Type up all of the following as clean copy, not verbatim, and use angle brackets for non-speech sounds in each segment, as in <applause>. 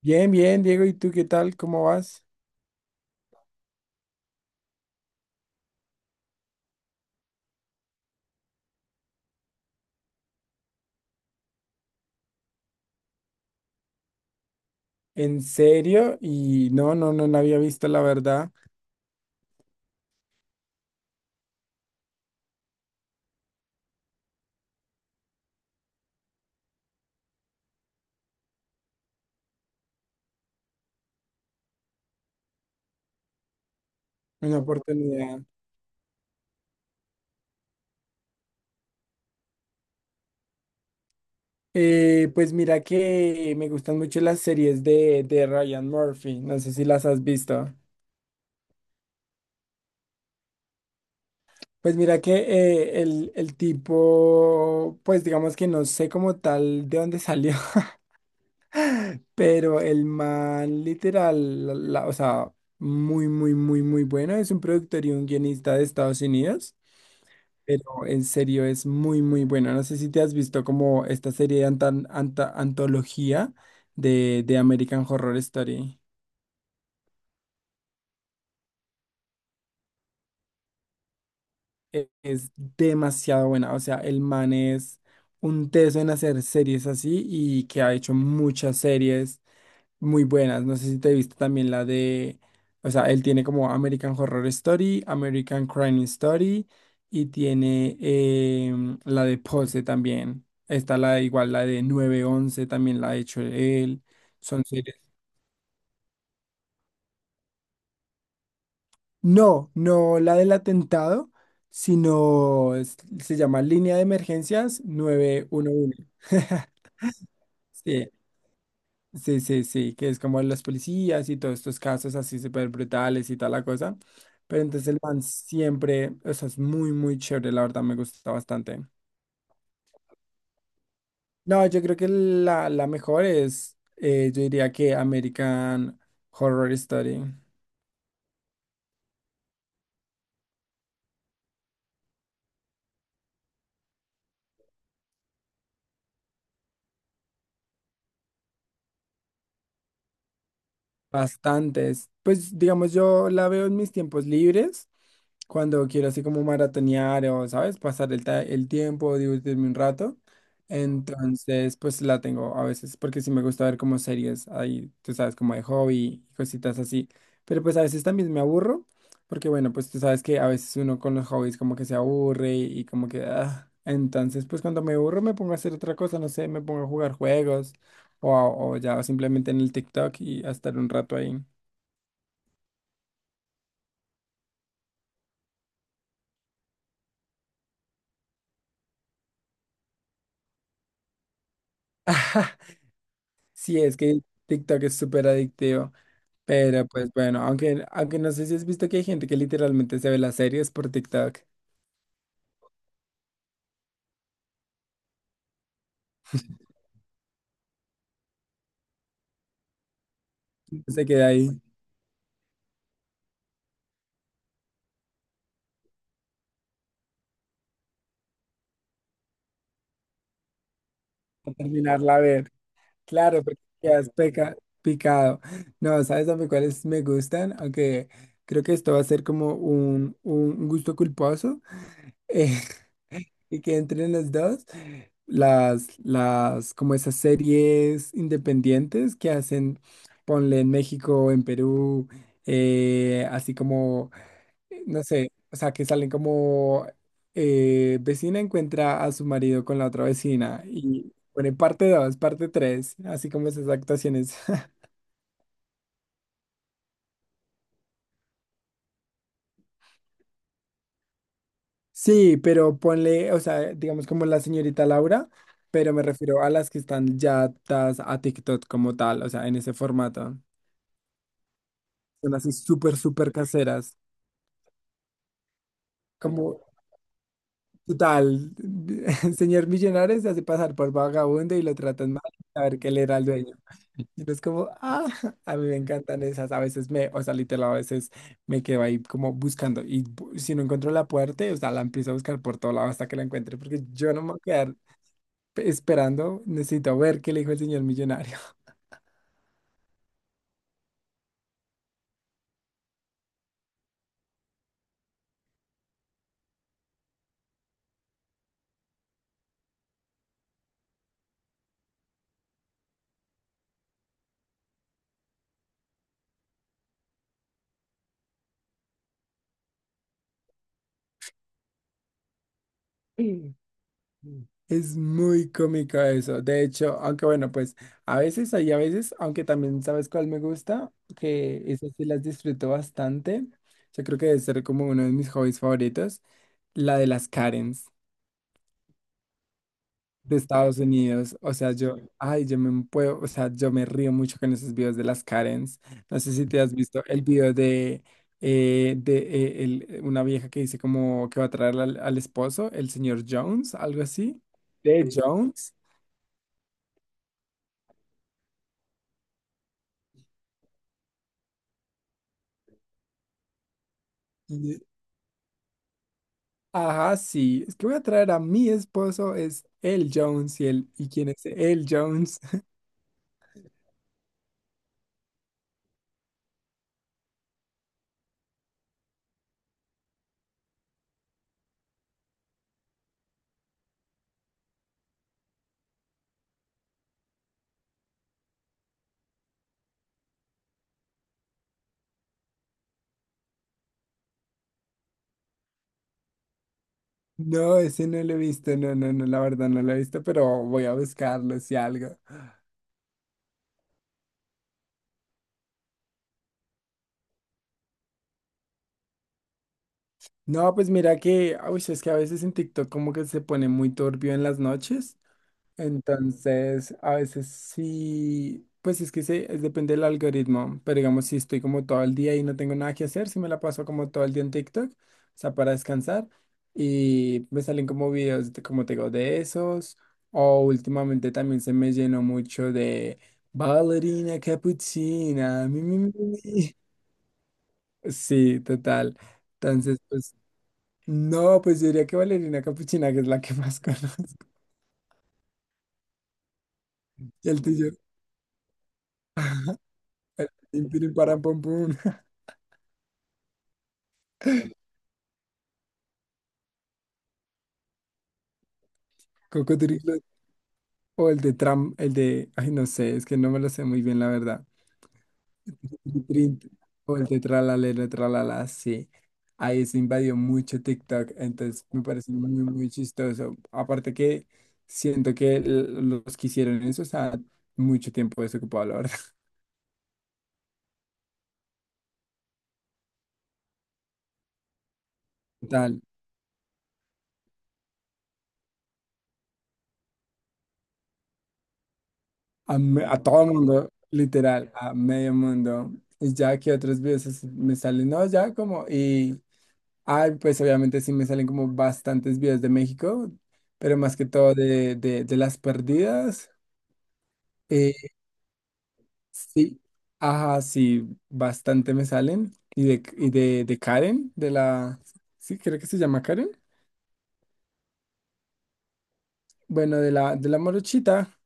Bien, bien, Diego, ¿y tú qué tal? ¿Cómo vas? ¿En serio? Y no había visto la verdad, una oportunidad. Pues mira que me gustan mucho las series de Ryan Murphy, no sé si las has visto. Pues mira que el tipo, pues digamos que no sé como tal de dónde salió, <laughs> pero el man literal, o sea, muy, muy, muy, muy bueno, es un productor y un guionista de Estados Unidos. Pero en serio es muy, muy bueno. No sé si te has visto como esta serie de antología de American Horror Story. Es demasiado buena. O sea, el man es un teso en hacer series así y que ha hecho muchas series muy buenas. No sé si te viste también o sea, él tiene como American Horror Story, American Crime Story y tiene la de Pose también. Está la igual, la de nueve once también la ha hecho él. Son series. No, no la del atentado, sino es- se llama Línea de Emergencias 911. Sí, sí, sí, sí, que es como los policías y todos estos casos así súper brutales y tal la cosa. Pero entonces el man siempre, o sea, es muy, muy chévere, la verdad me gusta bastante. No, yo creo que la mejor es, yo diría que American Horror Story. Bastantes. Pues digamos, yo la veo en mis tiempos libres cuando quiero así como maratonear o, ¿sabes? Pasar el tiempo, divertirme un rato. Entonces, pues la tengo a veces, porque sí me gusta ver como series ahí, tú sabes, como de hobby y cositas así. Pero pues a veces también me aburro, porque bueno, pues tú sabes que a veces uno con los hobbies como que se aburre y como que... ah. Entonces, pues cuando me aburro me pongo a hacer otra cosa, no sé, me pongo a jugar juegos o, o ya simplemente en el TikTok y a estar un rato ahí. <laughs> Sí, es que TikTok es súper adictivo. Pero pues bueno, aunque, aunque no sé si has visto que hay gente que literalmente se ve las series por TikTok, se queda ahí a terminarla a ver. Claro, porque quedas picado. No, ¿sabes a mí cuáles me gustan? Aunque creo que esto va a ser como un gusto culposo. <laughs> Y que entren las dos, como esas series independientes que hacen, ponle en México, en Perú, así como, no sé, o sea, que salen como vecina encuentra a su marido con la otra vecina y pone parte 2 parte 3 así como esas actuaciones. <laughs> Sí, pero ponle, o sea, digamos como la señorita Laura, pero me refiero a las que están ya atadas a TikTok como tal, o sea, en ese formato. Son así súper, súper caseras. Como, total, <laughs> el señor millonario se hace pasar por vagabundo y lo tratan mal, a ver qué le era al dueño. Y es como, ah, <laughs> a mí me encantan esas. A veces me, o sea, literal, a veces me quedo ahí como buscando. Y si no encuentro la puerta, o sea, la empiezo a buscar por todo lado hasta que la encuentre, porque yo no me voy a quedar esperando. Necesito ver qué le dijo el señor millonario. <clears throat> <laughs> Es muy cómico eso. De hecho, aunque bueno, pues a veces hay a veces, aunque también sabes cuál me gusta, que esas sí las disfruto bastante. Yo creo que debe ser como uno de mis hobbies favoritos, la de las Karens de Estados Unidos. O sea, yo, ay, yo me puedo, o sea, yo me río mucho con esos videos de las Karens. No sé si te has visto el video de una vieja que dice como que va a traer al esposo, el señor Jones, algo así, de Jones. Ajá, sí. Es que voy a traer a mi esposo, es el Jones. ¿Y, el, ¿y quién es el Jones? <laughs> No, ese no lo he visto. No, no, no, la verdad no lo he visto, pero voy a buscarlo si algo. No, pues mira que, uy, es que a veces en TikTok como que se pone muy turbio en las noches. Entonces, a veces sí, pues es que se, depende del algoritmo, pero digamos, si estoy como todo el día y no tengo nada que hacer, si me la paso como todo el día en TikTok, o sea, para descansar, y me salen como videos, como te digo, de esos, o últimamente también se me llenó mucho de ballerina capuchina, mi, mi, mi, mi, mi". Sí, total. Entonces, pues, no, pues yo diría que ballerina capuchina, que es la que más <laughs> conozco, y el tuyo. <laughs> El tin, tirin, param, pum, pum, <laughs> coco, tirillo, o el de tram, el de, ay, no sé, es que no me lo sé muy bien, la verdad. Tirin, o el de tralalero, tralala, sí. Ahí se invadió mucho TikTok, entonces me parece muy, muy chistoso. Aparte que siento que los que hicieron eso estaban mucho tiempo desocupado la verdad. <laughs> Tal, a, a todo el mundo, literal, a medio mundo. Y ya que otros videos así me salen, no, ya como, y... Ay, pues obviamente sí me salen como bastantes videos de México, pero más que todo de las perdidas. Eh, sí, ajá, sí, bastante me salen. Y de Karen, de la, sí, creo que se llama Karen. Bueno, de la morochita,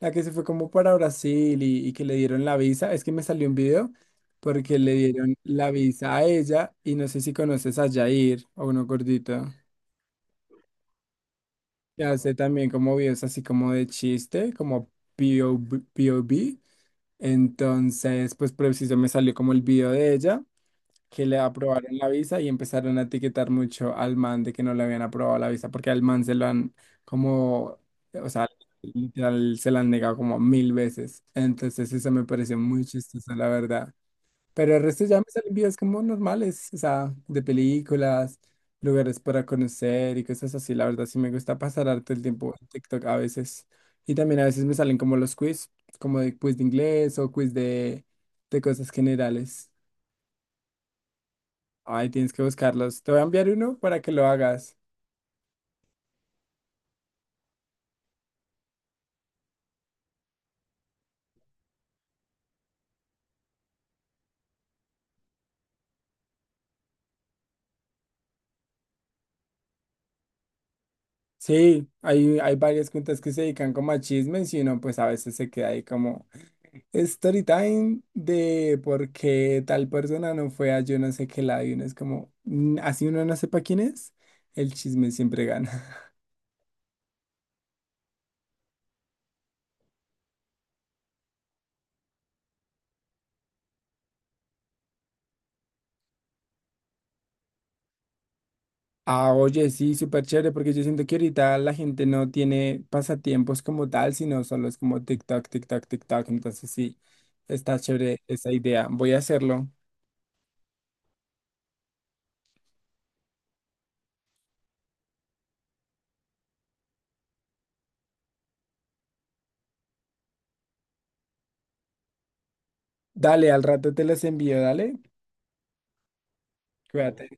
la que se fue como para Brasil y que le dieron la visa. Es que me salió un video porque le dieron la visa a ella y no sé si conoces a Jair o uno gordito. Ya sé también como videos así como de chiste, como POV. POV. Entonces, pues preciso me salió como el video de ella, que le aprobaron la visa y empezaron a etiquetar mucho al man de que no le habían aprobado la visa, porque al man se lo han como, o sea, literal se lo han negado como 1000 veces. Entonces, eso me pareció muy chistoso, la verdad. Pero el resto ya me salen videos como normales, o sea, de películas, lugares para conocer y cosas así. La verdad, sí me gusta pasar harto el tiempo en TikTok a veces. Y también a veces me salen como los quiz, como de quiz de inglés o quiz de cosas generales. Ahí tienes que buscarlos. Te voy a enviar uno para que lo hagas. Sí, hay varias cuentas que se dedican como a chismes y uno pues a veces se queda ahí como... Story time de por qué tal persona no fue a yo no sé qué lado y uno es como, "Mm, así uno no sepa quién es, el chisme siempre gana. <laughs> Ah, oye, sí, súper chévere porque yo siento que ahorita la gente no tiene pasatiempos como tal, sino solo es como TikTok, TikTok, TikTok. Entonces sí, está chévere esa idea. Voy a hacerlo. Dale, al rato te las envío, dale. Cuídate.